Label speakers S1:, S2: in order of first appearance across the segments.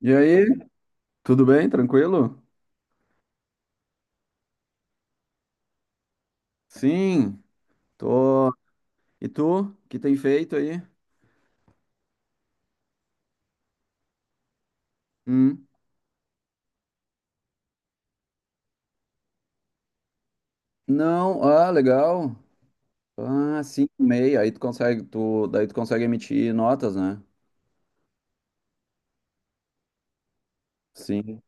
S1: E aí, tudo bem? Tranquilo? Sim, tô. E tu? O que tem feito aí? Hum. Não, legal. Ah, sim, meia. Aí tu consegue, daí tu consegue emitir notas, né? Sim,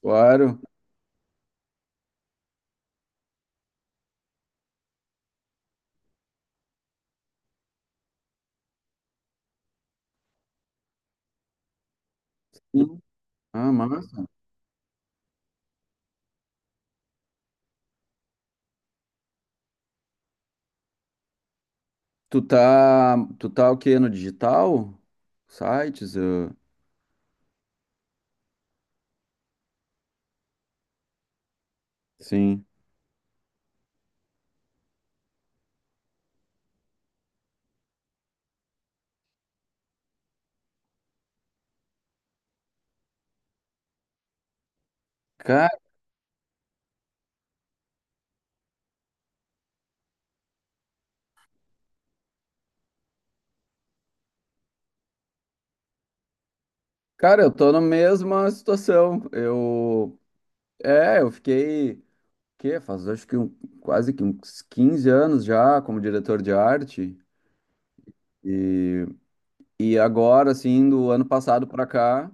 S1: claro. Sim. Ah, massa. Tu tá o quê? No digital? Sites? Sim. Cara, cara, eu tô na mesma situação. É, eu fiquei que faz acho que quase que uns 15 anos já como diretor de arte. E, e agora, assim, do ano passado para cá,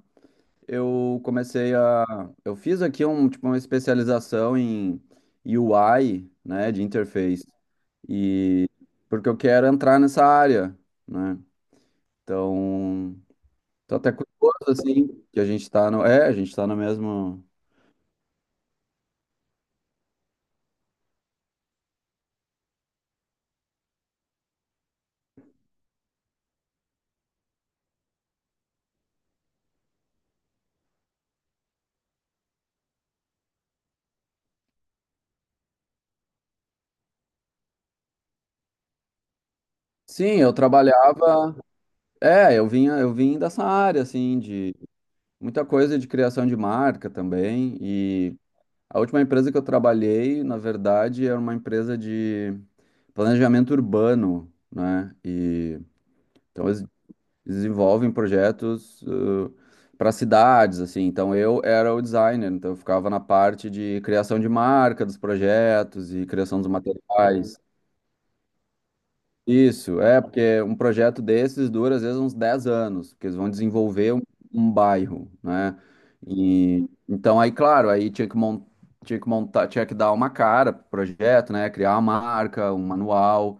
S1: eu comecei a. Eu fiz aqui um, tipo, uma especialização em UI, né, de interface. E porque eu quero entrar nessa área, né? Então, tô até curioso, assim, que a gente tá no. É, a gente tá no mesmo. Sim, eu trabalhava. É, eu vim dessa área, assim, de muita coisa de criação de marca também. E a última empresa que eu trabalhei, na verdade, era uma empresa de planejamento urbano, né? E então eles desenvolvem projetos para cidades, assim. Então eu era o designer, então eu ficava na parte de criação de marca dos projetos e criação dos materiais. Isso, é, porque um projeto desses dura às vezes uns 10 anos, porque eles vão desenvolver um bairro, né? E, então aí, claro, aí tinha que montar, tinha que dar uma cara pro projeto, né? Criar uma marca, um manual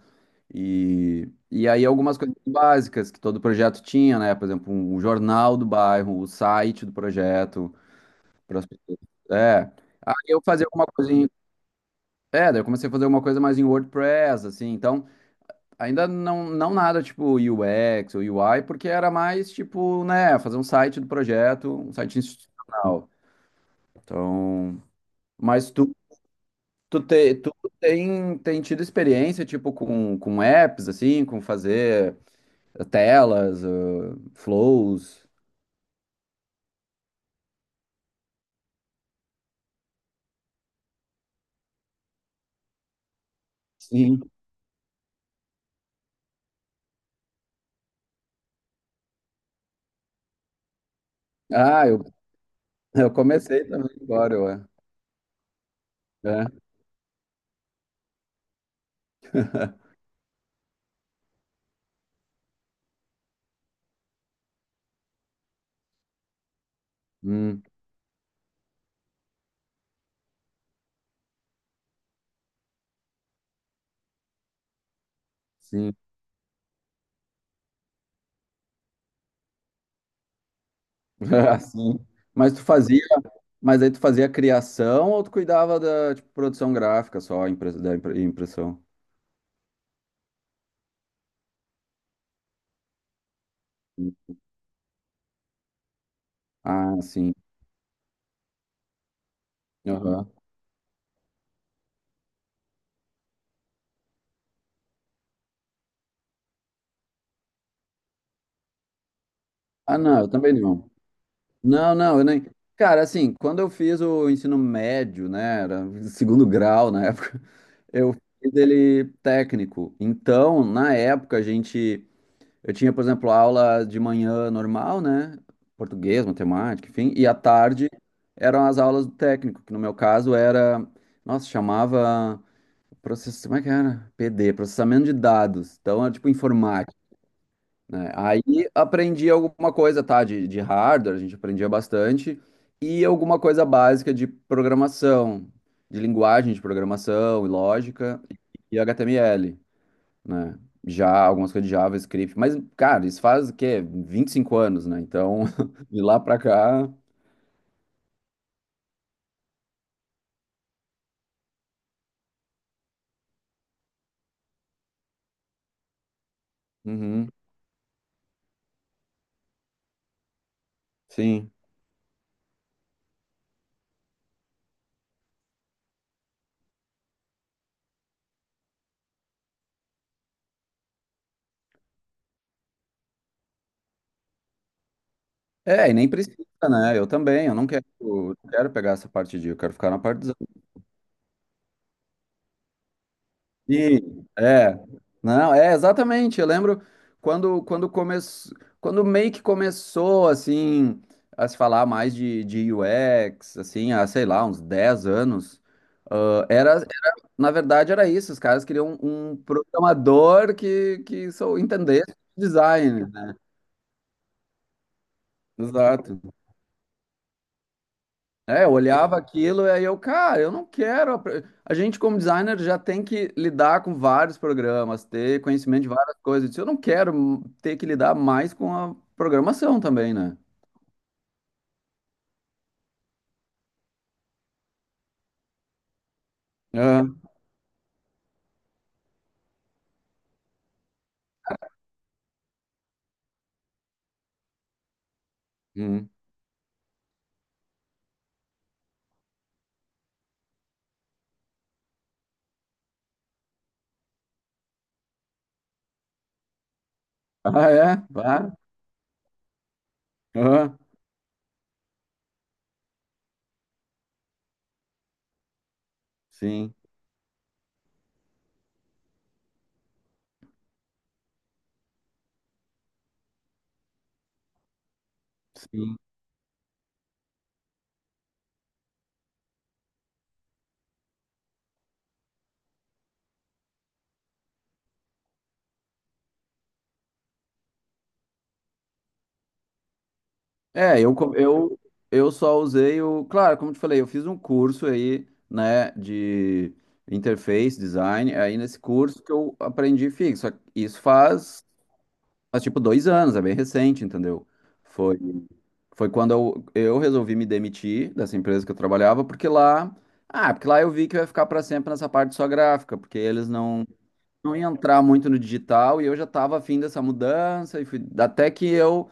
S1: e aí algumas coisas básicas que todo projeto tinha, né? Por exemplo, o jornal do bairro, o site do projeto, para as pessoas. É. Aí eu fazia alguma coisa em, é, daí eu comecei a fazer alguma coisa mais em WordPress, assim, então ainda não, não nada tipo UX ou UI, porque era mais tipo, né, fazer um site do projeto, um site institucional. Então, mas tu, tu tem, tem tido experiência, tipo, com apps, assim, com fazer telas, flows. Sim. Ah, eu, eu comecei também agora, ué. É. Hum, sim. Sim. Mas tu fazia, mas aí tu fazia criação ou tu cuidava da, tipo, produção gráfica só, impressão? Ah, sim. Aham. Ah, não, eu também não. Não, eu nem. Cara, assim, quando eu fiz o ensino médio, né, era segundo grau na época, eu fiz ele técnico. Então, na época, a gente. Eu tinha, por exemplo, aula de manhã normal, né? Português, matemática, enfim. E à tarde eram as aulas do técnico, que no meu caso era. Nossa, chamava. Process... Como é que era? PD, processamento de dados. Então, era tipo informática. Né? Aí aprendi alguma coisa, tá? De hardware, a gente aprendia bastante, e alguma coisa básica de programação, de linguagem de programação e lógica, e HTML, né? Já algumas coisas de JavaScript, mas, cara, isso faz o quê? 25 anos, né? Então, de lá pra cá, uhum, sim. É, e nem precisa, né? Eu não quero, não quero pegar essa parte de, eu quero ficar na parte sim, é. Não, é exatamente. Eu lembro quando começou, quando meio que começou assim a se falar mais de UX, assim, há, sei lá, uns 10 anos, ah, era, era- na verdade era isso, os caras queriam um programador que sou entendesse design, né? Exato. É, eu olhava aquilo e aí eu, cara, eu não quero. A gente, como designer, já tem que lidar com vários programas, ter conhecimento de várias coisas. Eu disse, eu não quero ter que lidar mais com a programação também, né? Ah, hum. Ah, é? Claro. Ah, sim, sim. É, eu, co- eu, eu só usei o. Claro, como eu te falei, eu fiz um curso aí, né, de interface design. Aí nesse curso que eu aprendi fixo. Isso faz mas tipo 2 anos, é bem recente, entendeu? Foi, foi quando eu resolvi me demitir dessa empresa que eu trabalhava, porque lá. Ah, porque lá eu vi que eu ia ficar para sempre nessa parte só gráfica, porque eles não, não iam entrar muito no digital e eu já estava afim dessa mudança, e até que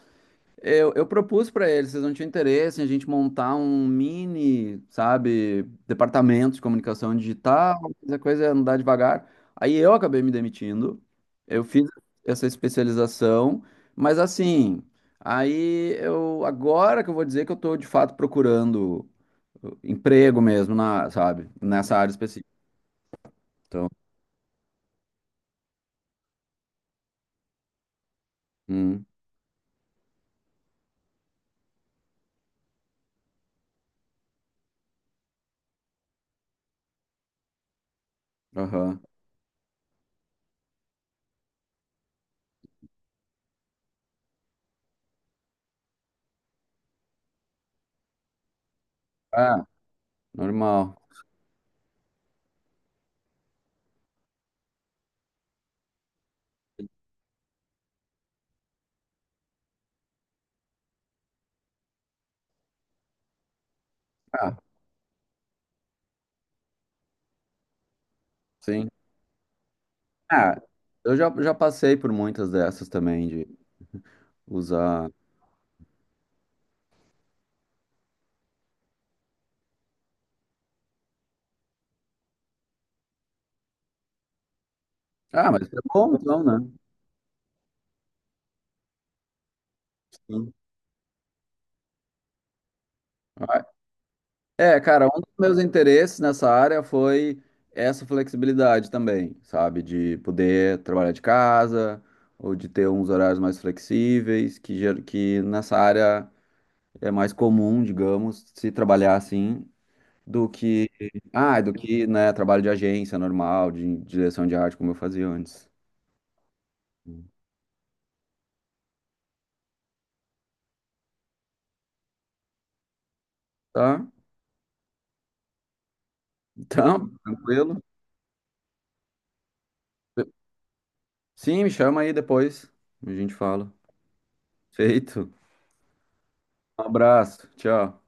S1: eu propus para eles, vocês não tinham interesse em a gente montar um mini, sabe, departamento de comunicação digital, mas a coisa é andar devagar. Aí eu acabei me demitindo, eu fiz essa especialização, mas assim, aí eu, agora que eu vou dizer que eu estou de fato procurando emprego mesmo, na, sabe, nessa área específica. Então, hum, aham. Ah, normal. Ah, sim. Ah, eu já, já passei por muitas dessas também, usar. Ah, mas isso é bom então, né? Sim. Ah, é, cara, um dos meus interesses nessa área foi essa flexibilidade também, sabe? De poder trabalhar de casa ou de ter uns horários mais flexíveis, que nessa área é mais comum, digamos, se trabalhar assim, do que, ah, do que, né, trabalho de agência normal, de direção de arte, como eu fazia antes. Tá? Então, tranquilo. Sim, me chama aí depois, a gente fala. Feito. Um abraço. Tchau.